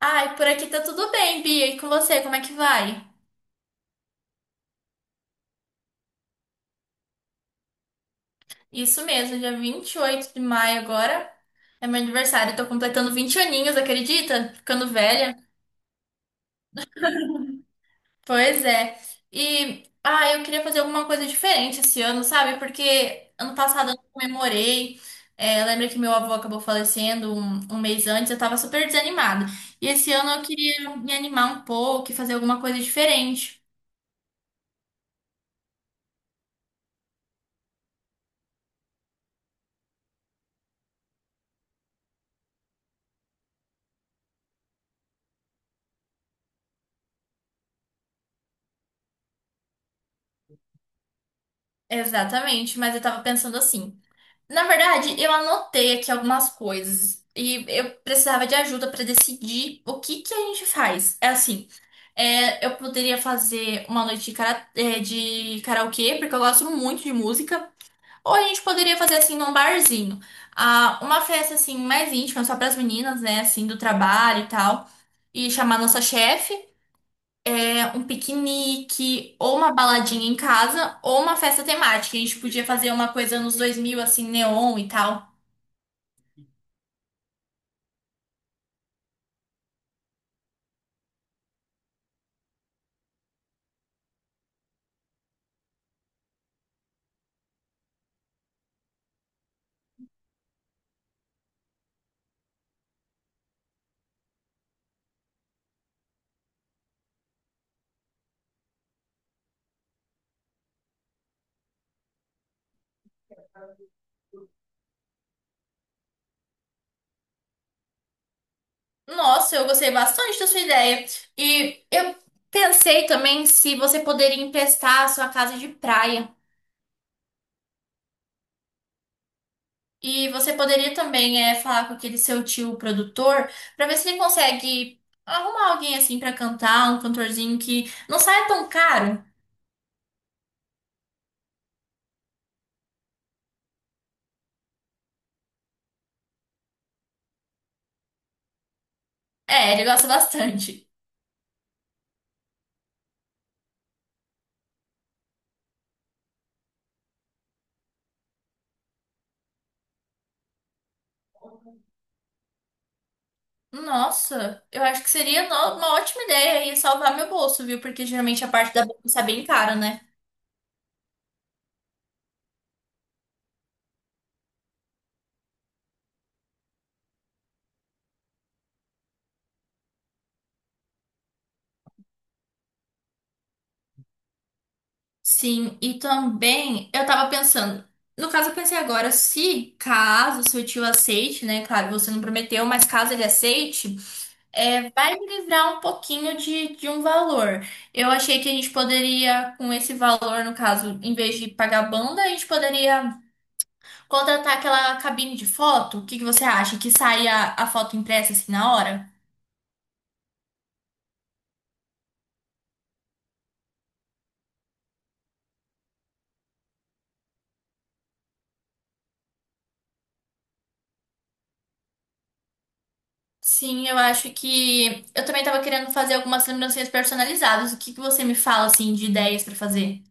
Ai, por aqui tá tudo bem, Bia. E com você, como é que vai? Isso mesmo, dia 28 de maio agora é meu aniversário. Tô completando 20 aninhos, acredita? Ficando velha. Pois é. E, eu queria fazer alguma coisa diferente esse ano, sabe? Porque ano passado eu não comemorei. É, lembra que meu avô acabou falecendo um mês antes, eu tava super desanimada. E esse ano eu queria me animar um pouco e fazer alguma coisa diferente. Exatamente, mas eu tava pensando assim. Na verdade, eu anotei aqui algumas coisas e eu precisava de ajuda para decidir o que que a gente faz. É assim, é, eu poderia fazer uma noite de, de karaokê, porque eu gosto muito de música, ou a gente poderia fazer assim num barzinho. Ah, uma festa assim mais íntima, só para as meninas, né, assim, do trabalho e tal, e chamar nossa chefe. É, um piquenique, ou uma baladinha em casa, ou uma festa temática. A gente podia fazer uma coisa nos 2000 assim, neon e tal. Nossa, eu gostei bastante da sua ideia. E eu pensei também se você poderia emprestar a sua casa de praia. E você poderia também é, falar com aquele seu tio produtor para ver se ele consegue arrumar alguém assim para cantar, um cantorzinho que não saia tão caro. É, ele gosta bastante. Nossa, eu acho que seria uma ótima ideia e salvar meu bolso, viu? Porque geralmente a parte da bolsa é bem cara, né? Sim, e também eu tava pensando, no caso eu pensei agora, se caso seu tio aceite, né? Claro, você não prometeu, mas caso ele aceite, é, vai me livrar um pouquinho de um valor. Eu achei que a gente poderia, com esse valor, no caso, em vez de pagar banda, a gente poderia contratar aquela cabine de foto. O que que você acha? Que saia a foto impressa assim na hora? Sim, eu acho que eu também tava querendo fazer algumas lembrancinhas personalizadas. O que que você me fala assim de ideias pra fazer?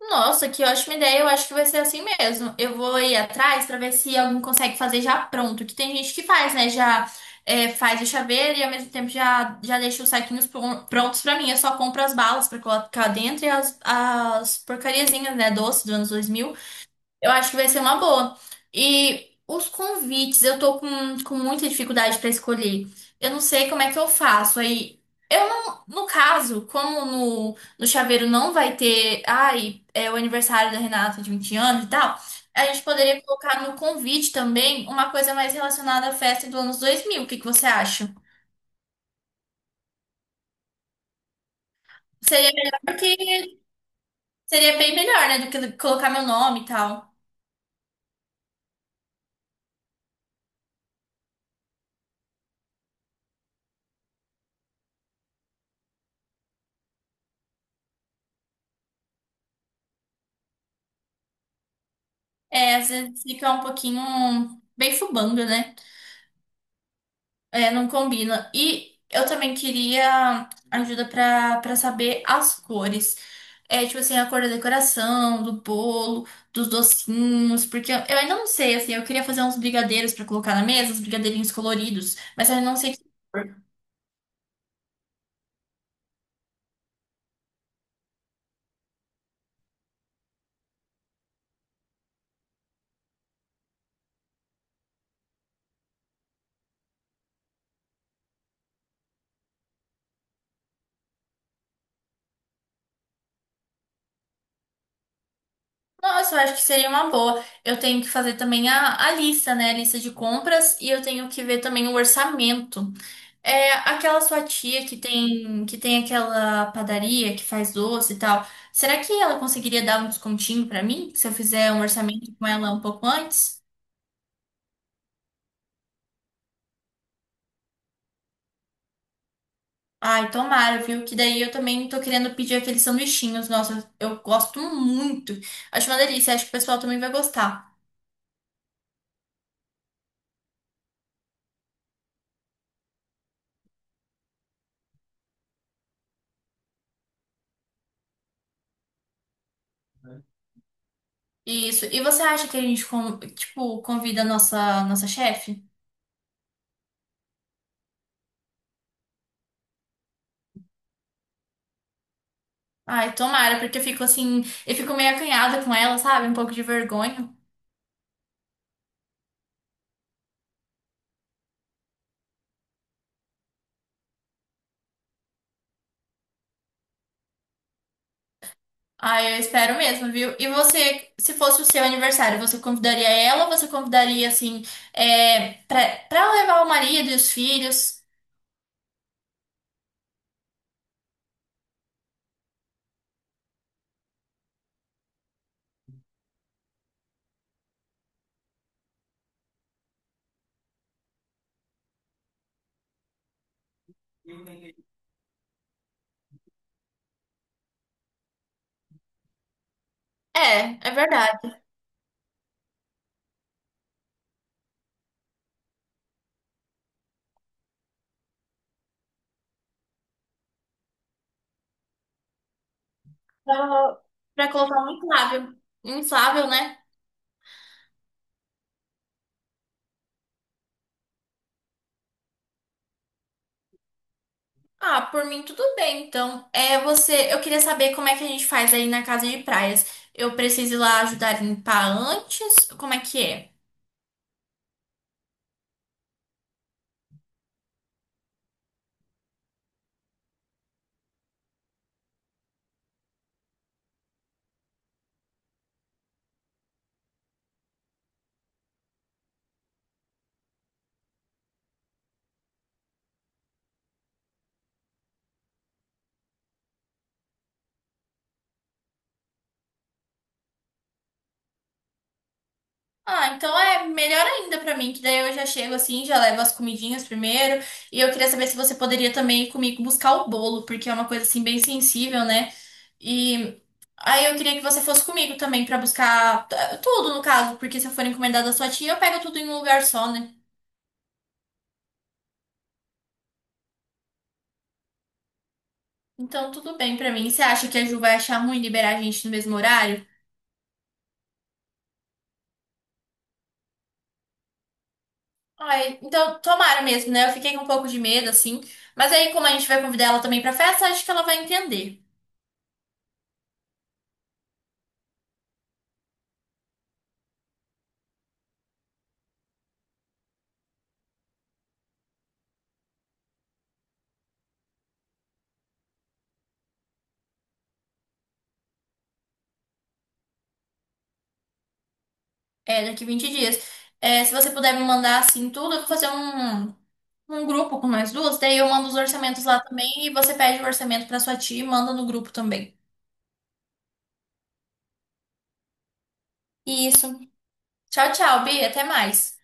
Nossa, que ótima ideia. Eu acho que vai ser assim mesmo. Eu vou ir atrás pra ver se alguém consegue fazer já pronto. Que tem gente que faz, né? Já é, faz o chaveiro e ao mesmo tempo já, já deixa os saquinhos prontos pra mim. Eu só compro as balas pra colocar dentro e as porcariazinhas, né? Doce dos anos 2000 eu acho que vai ser uma boa. E os convites, com muita dificuldade pra escolher. Eu não sei como é que eu faço. Aí, eu não, no caso, como no chaveiro não vai ter, ai, é o aniversário da Renata de 20 anos e tal, a gente poderia colocar no convite também uma coisa mais relacionada à festa do anos 2000. O que que você acha? Seria melhor que, seria bem melhor, né, do que colocar meu nome e tal. É, às vezes fica um pouquinho bem fubando, né? É, não combina. E eu também queria ajuda pra para saber as cores. É, tipo assim, a cor da decoração, do bolo, dos docinhos, porque eu ainda não sei, assim, eu queria fazer uns brigadeiros pra colocar na mesa, uns brigadeirinhos coloridos, mas eu não sei. Nossa, eu acho que seria uma boa. Eu tenho que fazer também a lista, né? A lista de compras e eu tenho que ver também o orçamento. É aquela sua tia que tem aquela padaria que faz doce e tal. Será que ela conseguiria dar um descontinho pra mim se eu fizer um orçamento com ela um pouco antes? Ai, tomara, viu? Que daí eu também tô querendo pedir aqueles sanduichinhos. Nossa, eu gosto muito. Acho uma delícia, acho que o pessoal também vai gostar. Isso. E você acha que a gente, tipo, convida a nossa chefe? Ai, tomara, porque eu fico assim, eu fico meio acanhada com ela, sabe? Um pouco de vergonha. Ah, eu espero mesmo, viu? E você, se fosse o seu aniversário, você convidaria ela ou você convidaria, assim, é, pra levar o marido e os filhos? É, é verdade. Pra, pra colocar um inflável. Inflável, né? Ah, por mim tudo bem, então. É, você, eu queria saber como é que a gente faz aí na casa de praias. Eu preciso ir lá ajudar a limpar antes? Como é que é? Ah, então é melhor ainda pra mim, que daí eu já chego assim, já levo as comidinhas primeiro. E eu queria saber se você poderia também ir comigo buscar o bolo, porque é uma coisa assim bem sensível, né? E aí eu queria que você fosse comigo também pra buscar tudo, no caso, porque se eu for encomendar da sua tia, eu pego tudo em um lugar só, né? Então tudo bem pra mim. Você acha que a Ju vai achar ruim liberar a gente no mesmo horário? Ai, então tomara mesmo, né? Eu fiquei com um pouco de medo assim, mas aí como a gente vai convidar ela também pra festa, acho que ela vai entender. É, daqui 20 dias. É, se você puder me mandar assim tudo, eu vou fazer um grupo com nós duas, daí eu mando os orçamentos lá também e você pede o orçamento pra sua tia e manda no grupo também. Isso. Tchau, tchau, Bia. Até mais.